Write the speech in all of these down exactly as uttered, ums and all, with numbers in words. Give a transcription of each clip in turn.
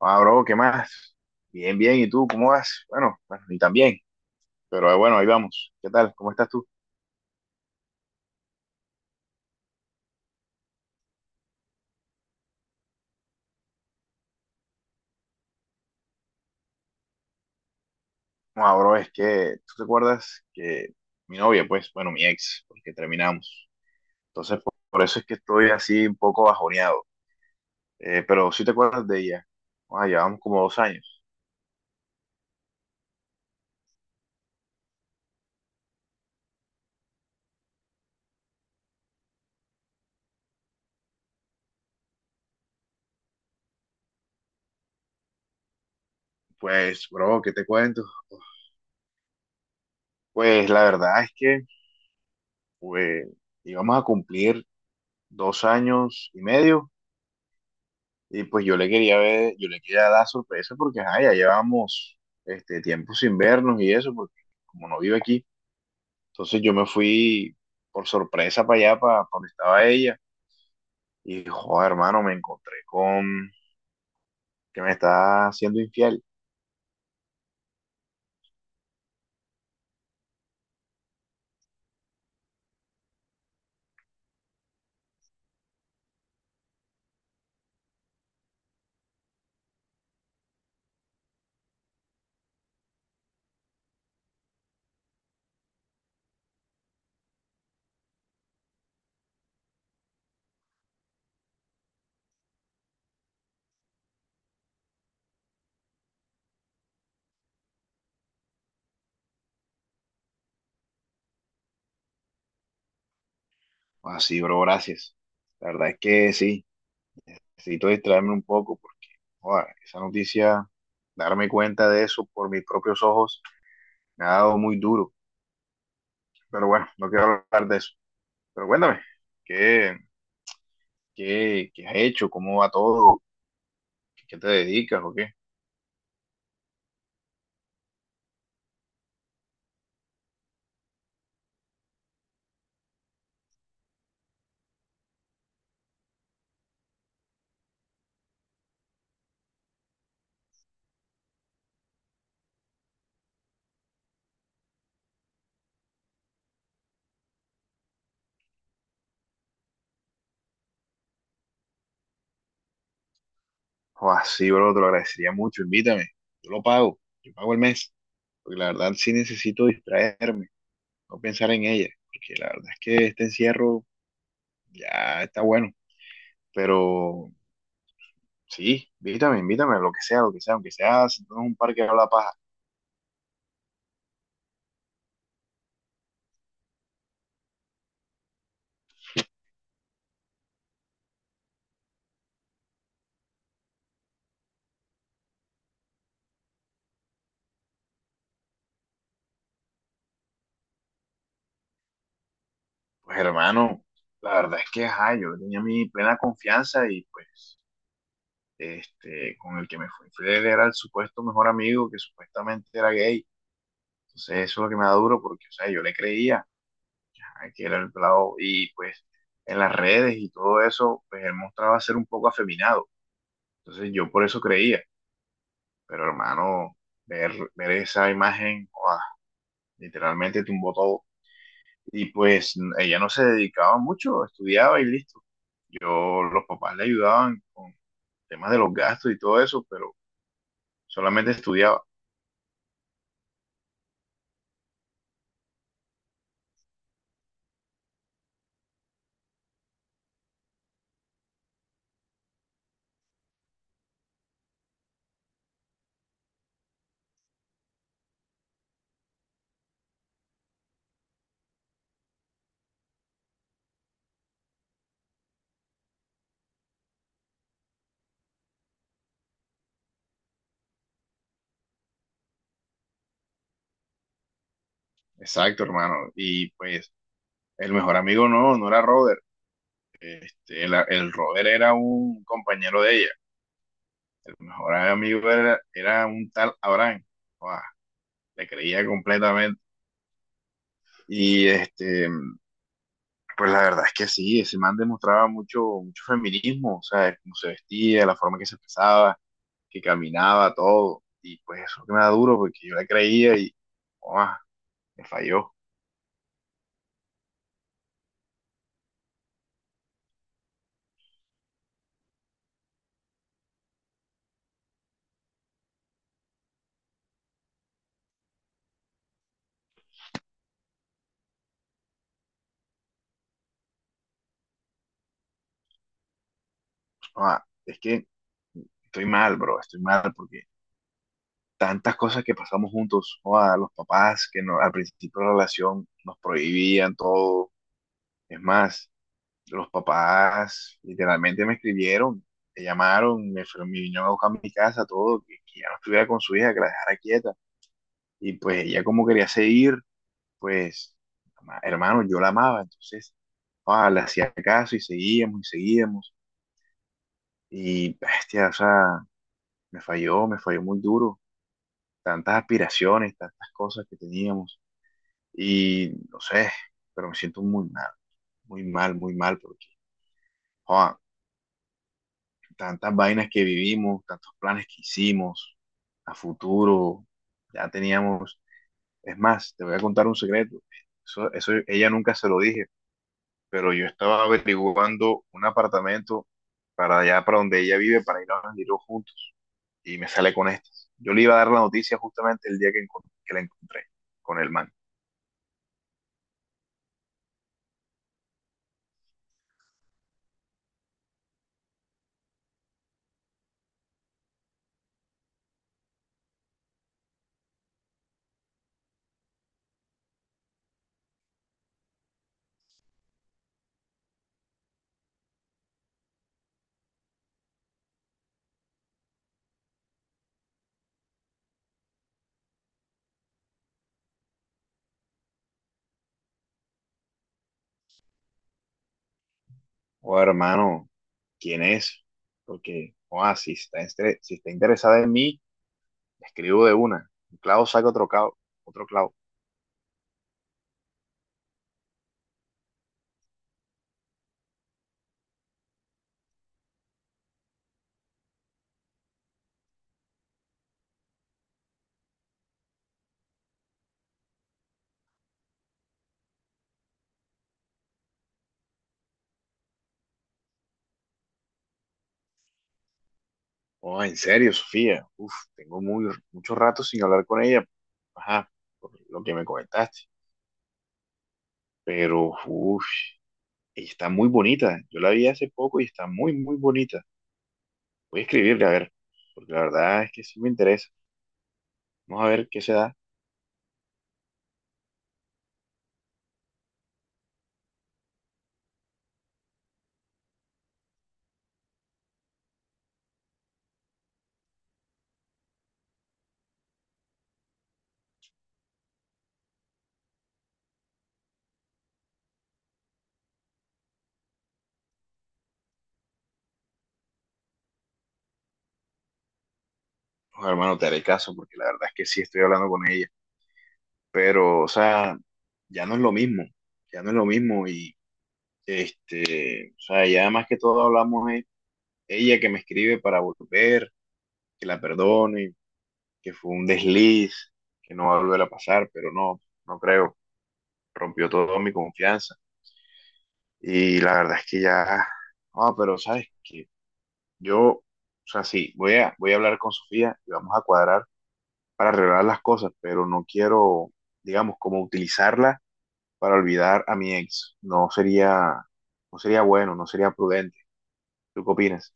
Ah, bro, ¿qué más? Bien, bien, ¿y tú cómo vas? Bueno, bueno, y también, pero eh, bueno, ahí vamos. ¿Qué tal? ¿Cómo estás tú? No, ah, bro, es que tú te acuerdas que mi novia, pues, bueno, mi ex, porque terminamos. Entonces, por, por eso es que estoy así un poco bajoneado. Eh, pero sí te acuerdas de ella. Ah, llevamos como dos años. Pues, bro, ¿qué te cuento? Pues la verdad es que pues, íbamos a cumplir dos años y medio. Y pues yo le quería ver, yo le quería dar sorpresa porque ajá, ya llevamos este tiempo sin vernos y eso, porque como no vive aquí, entonces yo me fui por sorpresa para allá, para, donde estaba ella, y joder, hermano, me encontré con que me está haciendo infiel. Así, bro, gracias. La verdad es que sí, necesito distraerme un poco porque, joder, esa noticia, darme cuenta de eso por mis propios ojos, me ha dado muy duro. Pero bueno, no quiero hablar de eso. Pero cuéntame, ¿qué, ¿Qué, qué has hecho? ¿Cómo va todo? ¿Qué, qué te dedicas o qué? O así, bro, te lo agradecería mucho. Invítame. Yo lo pago. Yo pago el mes. Porque la verdad sí necesito distraerme, no pensar en ella. Porque la verdad es que este encierro ya está bueno. Pero sí, invítame, invítame, lo que sea, lo que sea, aunque sea sentado en un parque a la paja. Pues hermano, la verdad es que ajá, yo tenía mi plena confianza y pues este, con el que me fui, fue era el supuesto mejor amigo que supuestamente era gay. Entonces eso es lo que me da duro porque, o sea, yo le creía a que era el pelado y pues en las redes y todo eso, pues él mostraba ser un poco afeminado. Entonces yo por eso creía, pero hermano, ver, ver esa imagen, ¡guau! Literalmente tumbó todo. Y pues ella no se dedicaba mucho, estudiaba y listo. Yo, los papás le ayudaban con temas de los gastos y todo eso, pero solamente estudiaba. Exacto, hermano. Y pues el mejor amigo no, no era Roder. Este, el, el Robert era un compañero de ella. El mejor amigo era, era un tal Abraham. Guau, le creía completamente. Y este, pues la verdad es que sí, ese man demostraba mucho, mucho feminismo, o sea, cómo se vestía, la forma en que se expresaba, que caminaba, todo. Y pues eso que me da duro, porque yo le creía y, guau, me falló. Guau, es que estoy mal, bro, estoy mal, porque tantas cosas que pasamos juntos, o a los papás que no- al principio de la relación nos prohibían todo. Es más, los papás literalmente me escribieron, me llamaron, me, fueron- me vinieron a buscar a mi casa, todo, que, que ya no estuviera con su hija, que la dejara quieta. Y pues ella como quería seguir, pues, ama- hermano, yo la amaba, entonces, ah, le hacía caso y seguíamos y seguíamos. Y, bestia, o sea, me falló, me falló muy duro. Tantas aspiraciones, tantas cosas que teníamos. Y no sé, pero me siento muy mal, muy mal, muy mal, porque joa, tantas vainas que vivimos, tantos planes que hicimos a futuro, ya teníamos. Es más, te voy a contar un secreto. Eso, eso ella nunca se lo dije, pero yo estaba averiguando un apartamento para allá, para donde ella vive, para ir a Bandido juntos. Y me sale con estas. Yo le iba a dar la noticia justamente el día que, encon- que la encontré con el man. O hermano, ¿quién es? Porque, o si está, estre- si está interesada en mí, le escribo de una. Un clavo saca otro clavo, otro clavo. Oh, en serio, Sofía. Uf, tengo muy, mucho rato sin hablar con ella. Ajá, por lo que me comentaste. Pero, uf, ella está muy bonita. Yo la vi hace poco y está muy, muy bonita. Voy a escribirle, a ver, porque la verdad es que sí me interesa. Vamos a ver qué se da. Oh, hermano, te haré caso, porque la verdad es que sí estoy hablando con ella. Pero, o sea, ya no es lo mismo, ya no es lo mismo y, este, o sea, ya más que todo hablamos es ella que me escribe para volver, que la perdone, que fue un desliz, que no va a volver a pasar, pero no, no creo, rompió toda mi confianza y la verdad es que ya, ah, pero sabes que yo, o sea, sí, voy a, voy a hablar con Sofía y vamos a cuadrar para arreglar las cosas, pero no quiero, digamos, como utilizarla para olvidar a mi ex. No sería, no sería bueno, no sería prudente. ¿Tú qué opinas?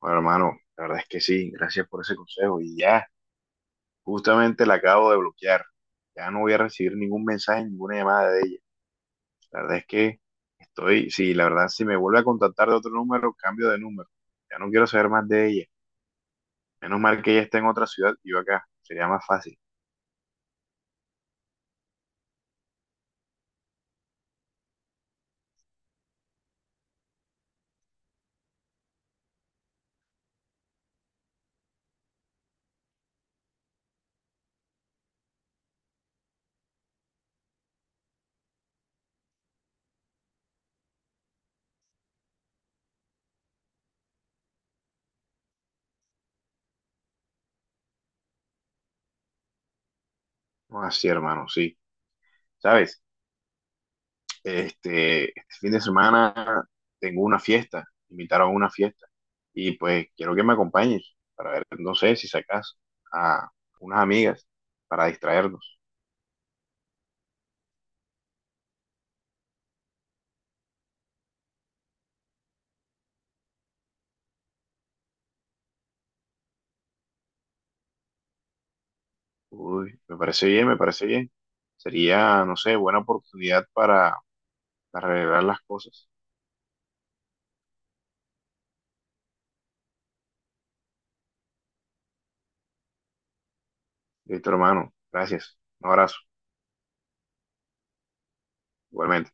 Bueno, hermano, la verdad es que sí, gracias por ese consejo. Y ya, justamente la acabo de bloquear. Ya no voy a recibir ningún mensaje, ninguna llamada de ella. La verdad es que estoy, sí, la verdad, si me vuelve a contactar de otro número, cambio de número. Ya no quiero saber más de ella. Menos mal que ella está en otra ciudad y yo acá. Sería más fácil. No, así, hermano, sí. ¿Sabes? Este, este fin de semana tengo una fiesta, me invitaron a una fiesta y pues quiero que me acompañes para ver, no sé si sacas a unas amigas para distraernos. Uy, me parece bien, me parece bien. Sería, no sé, buena oportunidad para, para arreglar las cosas. Listo, hermano. Gracias. Un abrazo. Igualmente.